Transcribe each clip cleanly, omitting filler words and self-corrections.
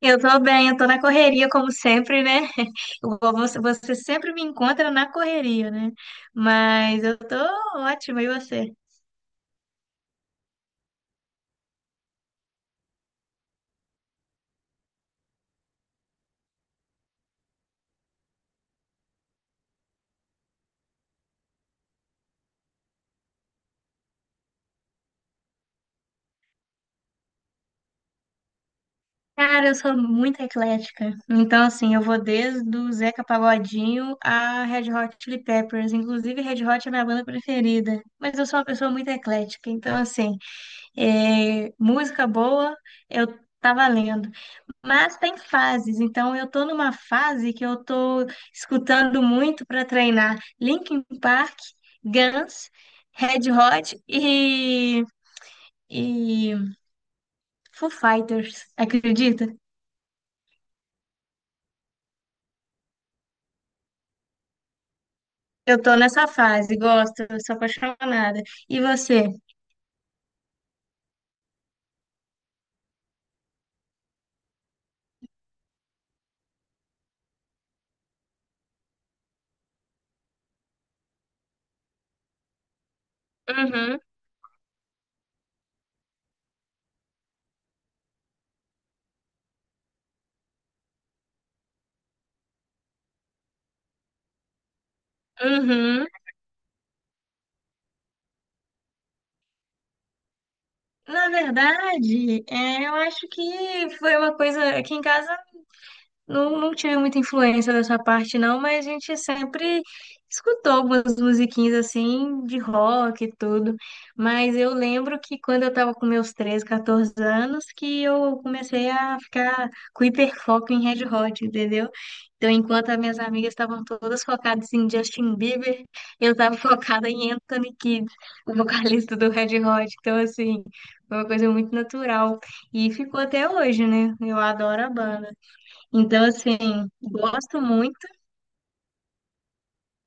Eu tô bem, eu tô na correria como sempre, né? Você sempre me encontra na correria, né? Mas eu tô ótima, e você? Cara, eu sou muito eclética. Então, assim, eu vou desde o Zeca Pagodinho a Red Hot Chili Peppers. Inclusive, Red Hot é minha banda preferida. Mas eu sou uma pessoa muito eclética. Então, assim, é, música boa, eu tá valendo. Mas tem fases, então eu tô numa fase que eu tô escutando muito para treinar Linkin Park, Guns, Red Hot e Foo Fighters, acredita? Eu tô nessa fase, gosto, eu sou apaixonada. E você? Uhum, uhum. Na verdade, é, eu acho que foi uma coisa aqui em casa. Não, não tive muita influência dessa parte, não, mas a gente sempre escutou algumas musiquinhas assim de rock e tudo. Mas eu lembro que quando eu tava com meus 13 14 anos, que eu comecei a ficar com hiperfoco em Red Hot, entendeu? Então, enquanto as minhas amigas estavam todas focadas em Justin Bieber, eu tava focada em Anthony Kidd, o vocalista do Red Hot. Então, assim, foi uma coisa muito natural. E ficou até hoje, né? Eu adoro a banda. Então, assim, gosto muito.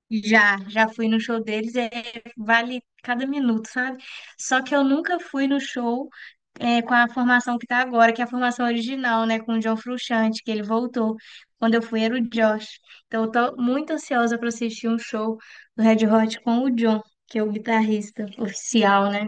Já, já fui no show deles, é, vale cada minuto, sabe? Só que eu nunca fui no show é, com a formação que tá agora, que é a formação original, né? Com o John Frusciante, que ele voltou. Quando eu fui era o Josh. Então, eu tô muito ansiosa para assistir um show do Red Hot com o John, que é o guitarrista oficial, né?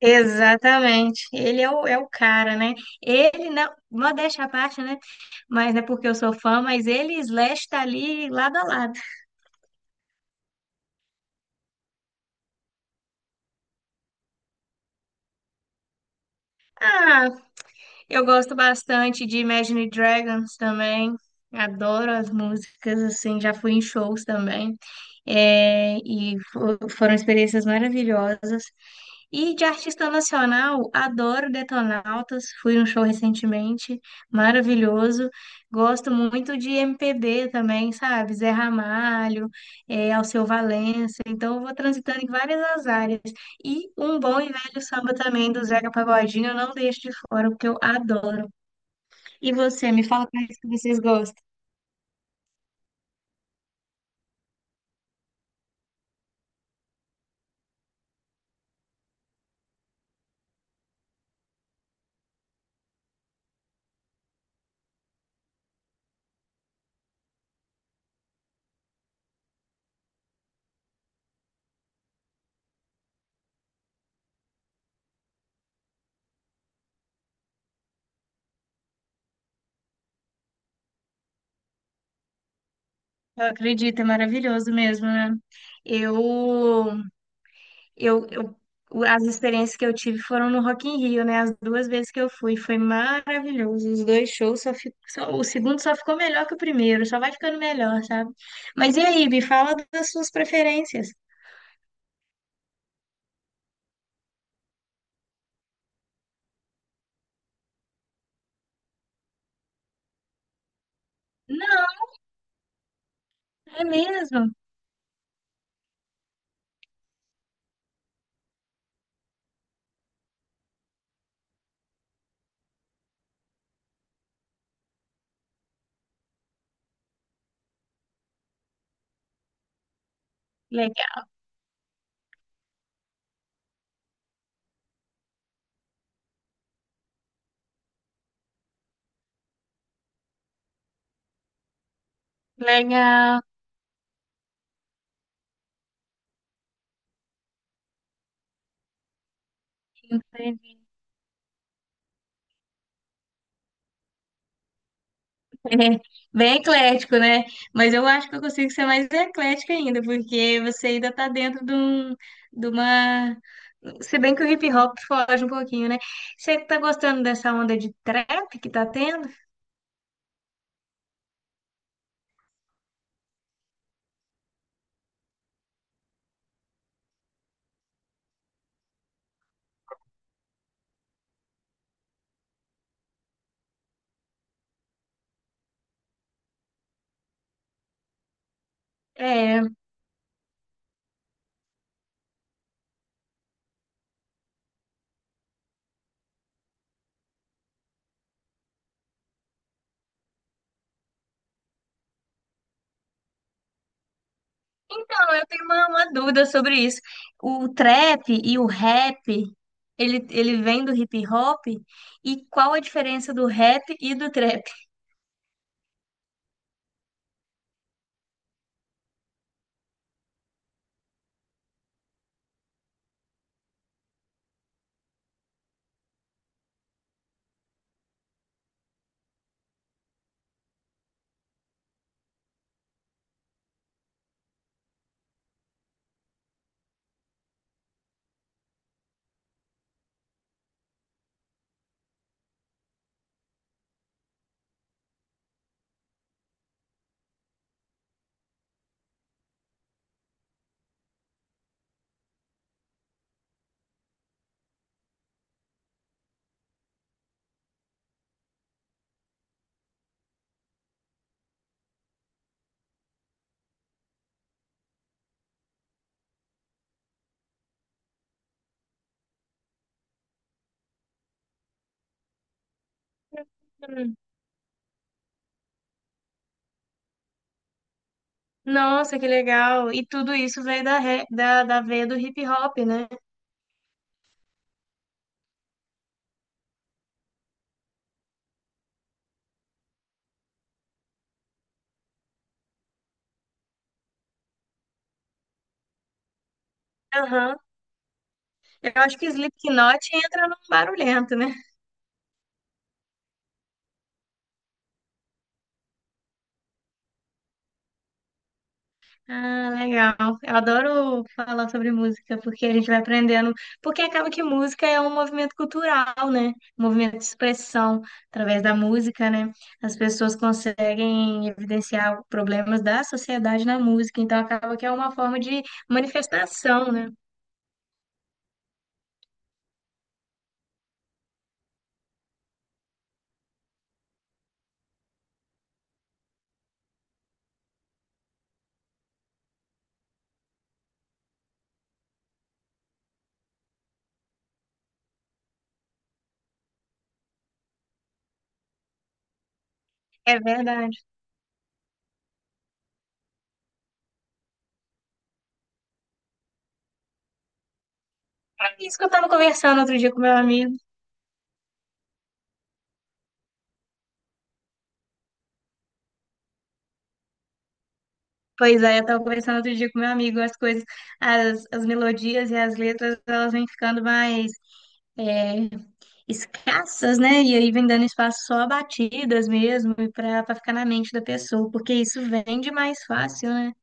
Exatamente. Ele é o cara, né? Ele, não, modéstia à parte, né? Mas não é porque eu sou fã, mas ele e Slash tá ali lado a lado. Ah, eu gosto bastante de Imagine Dragons também. Adoro as músicas, assim, já fui em shows também. É, e foram experiências maravilhosas. E de artista nacional, adoro Detonautas, fui num show recentemente, maravilhoso. Gosto muito de MPB também, sabe? Zé Ramalho, eh, Alceu Valença. Então, eu vou transitando em várias as áreas. E um bom e velho samba também do Zeca Pagodinho, eu não deixo de fora, porque eu adoro. E você, me fala quais que vocês gostam. Eu acredito, é maravilhoso mesmo, né? Eu Eu, eu, as experiências que eu tive foram no Rock in Rio, né? As duas vezes que eu fui, foi maravilhoso. Os dois shows só, só o segundo só ficou melhor que o primeiro, só vai ficando melhor, sabe? Mas e aí, me fala das suas preferências. Não, é mesmo. Legal, legal, entendi. É, bem eclético, né? Mas eu acho que eu consigo ser mais eclética ainda, porque você ainda tá dentro de uma. Se bem que o hip hop foge um pouquinho, né? Você tá gostando dessa onda de trap que tá tendo? É. Então, eu tenho uma dúvida sobre isso. O trap e o rap, ele vem do hip hop? E qual a diferença do rap e do trap? Hum. Nossa, que legal! E tudo isso veio da veia do hip hop, né? Aham. Eu acho que Slipknot entra num barulhento, né? Ah, legal. Eu adoro falar sobre música, porque a gente vai aprendendo. Porque acaba que música é um movimento cultural, né? Um movimento de expressão através da música, né? As pessoas conseguem evidenciar problemas da sociedade na música, então acaba que é uma forma de manifestação, né? É verdade. É isso que eu estava conversando outro dia com meu amigo. Pois é, eu tava conversando outro dia com meu amigo, as coisas, as melodias e as letras, elas vêm ficando mais é, escassas, né? E aí vem dando espaço só a batidas mesmo, e pra ficar na mente da pessoa, porque isso vende mais fácil, né?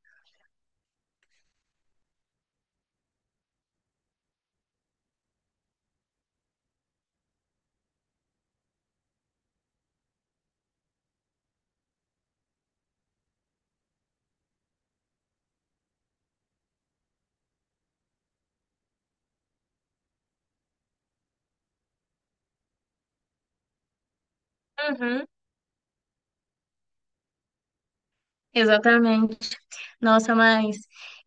Uhum. Exatamente. Nossa, mas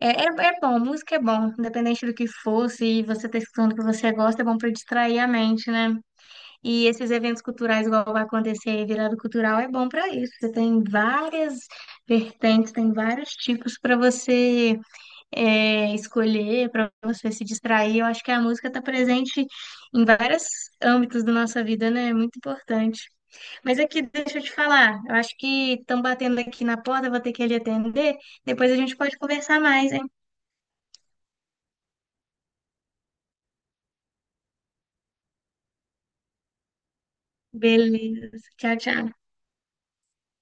é bom, música é bom, independente do que for, se você tá escutando o que você gosta, é bom pra distrair a mente, né? E esses eventos culturais, igual vai acontecer aí, virada cultural, é bom para isso. Você tem várias vertentes, tem vários tipos para você escolher, para você se distrair. Eu acho que a música está presente em vários âmbitos da nossa vida, né? É muito importante. Mas aqui, deixa eu te falar, eu acho que estão batendo aqui na porta, eu vou ter que ali atender. Depois a gente pode conversar mais, hein? Beleza. Tchau, tchau.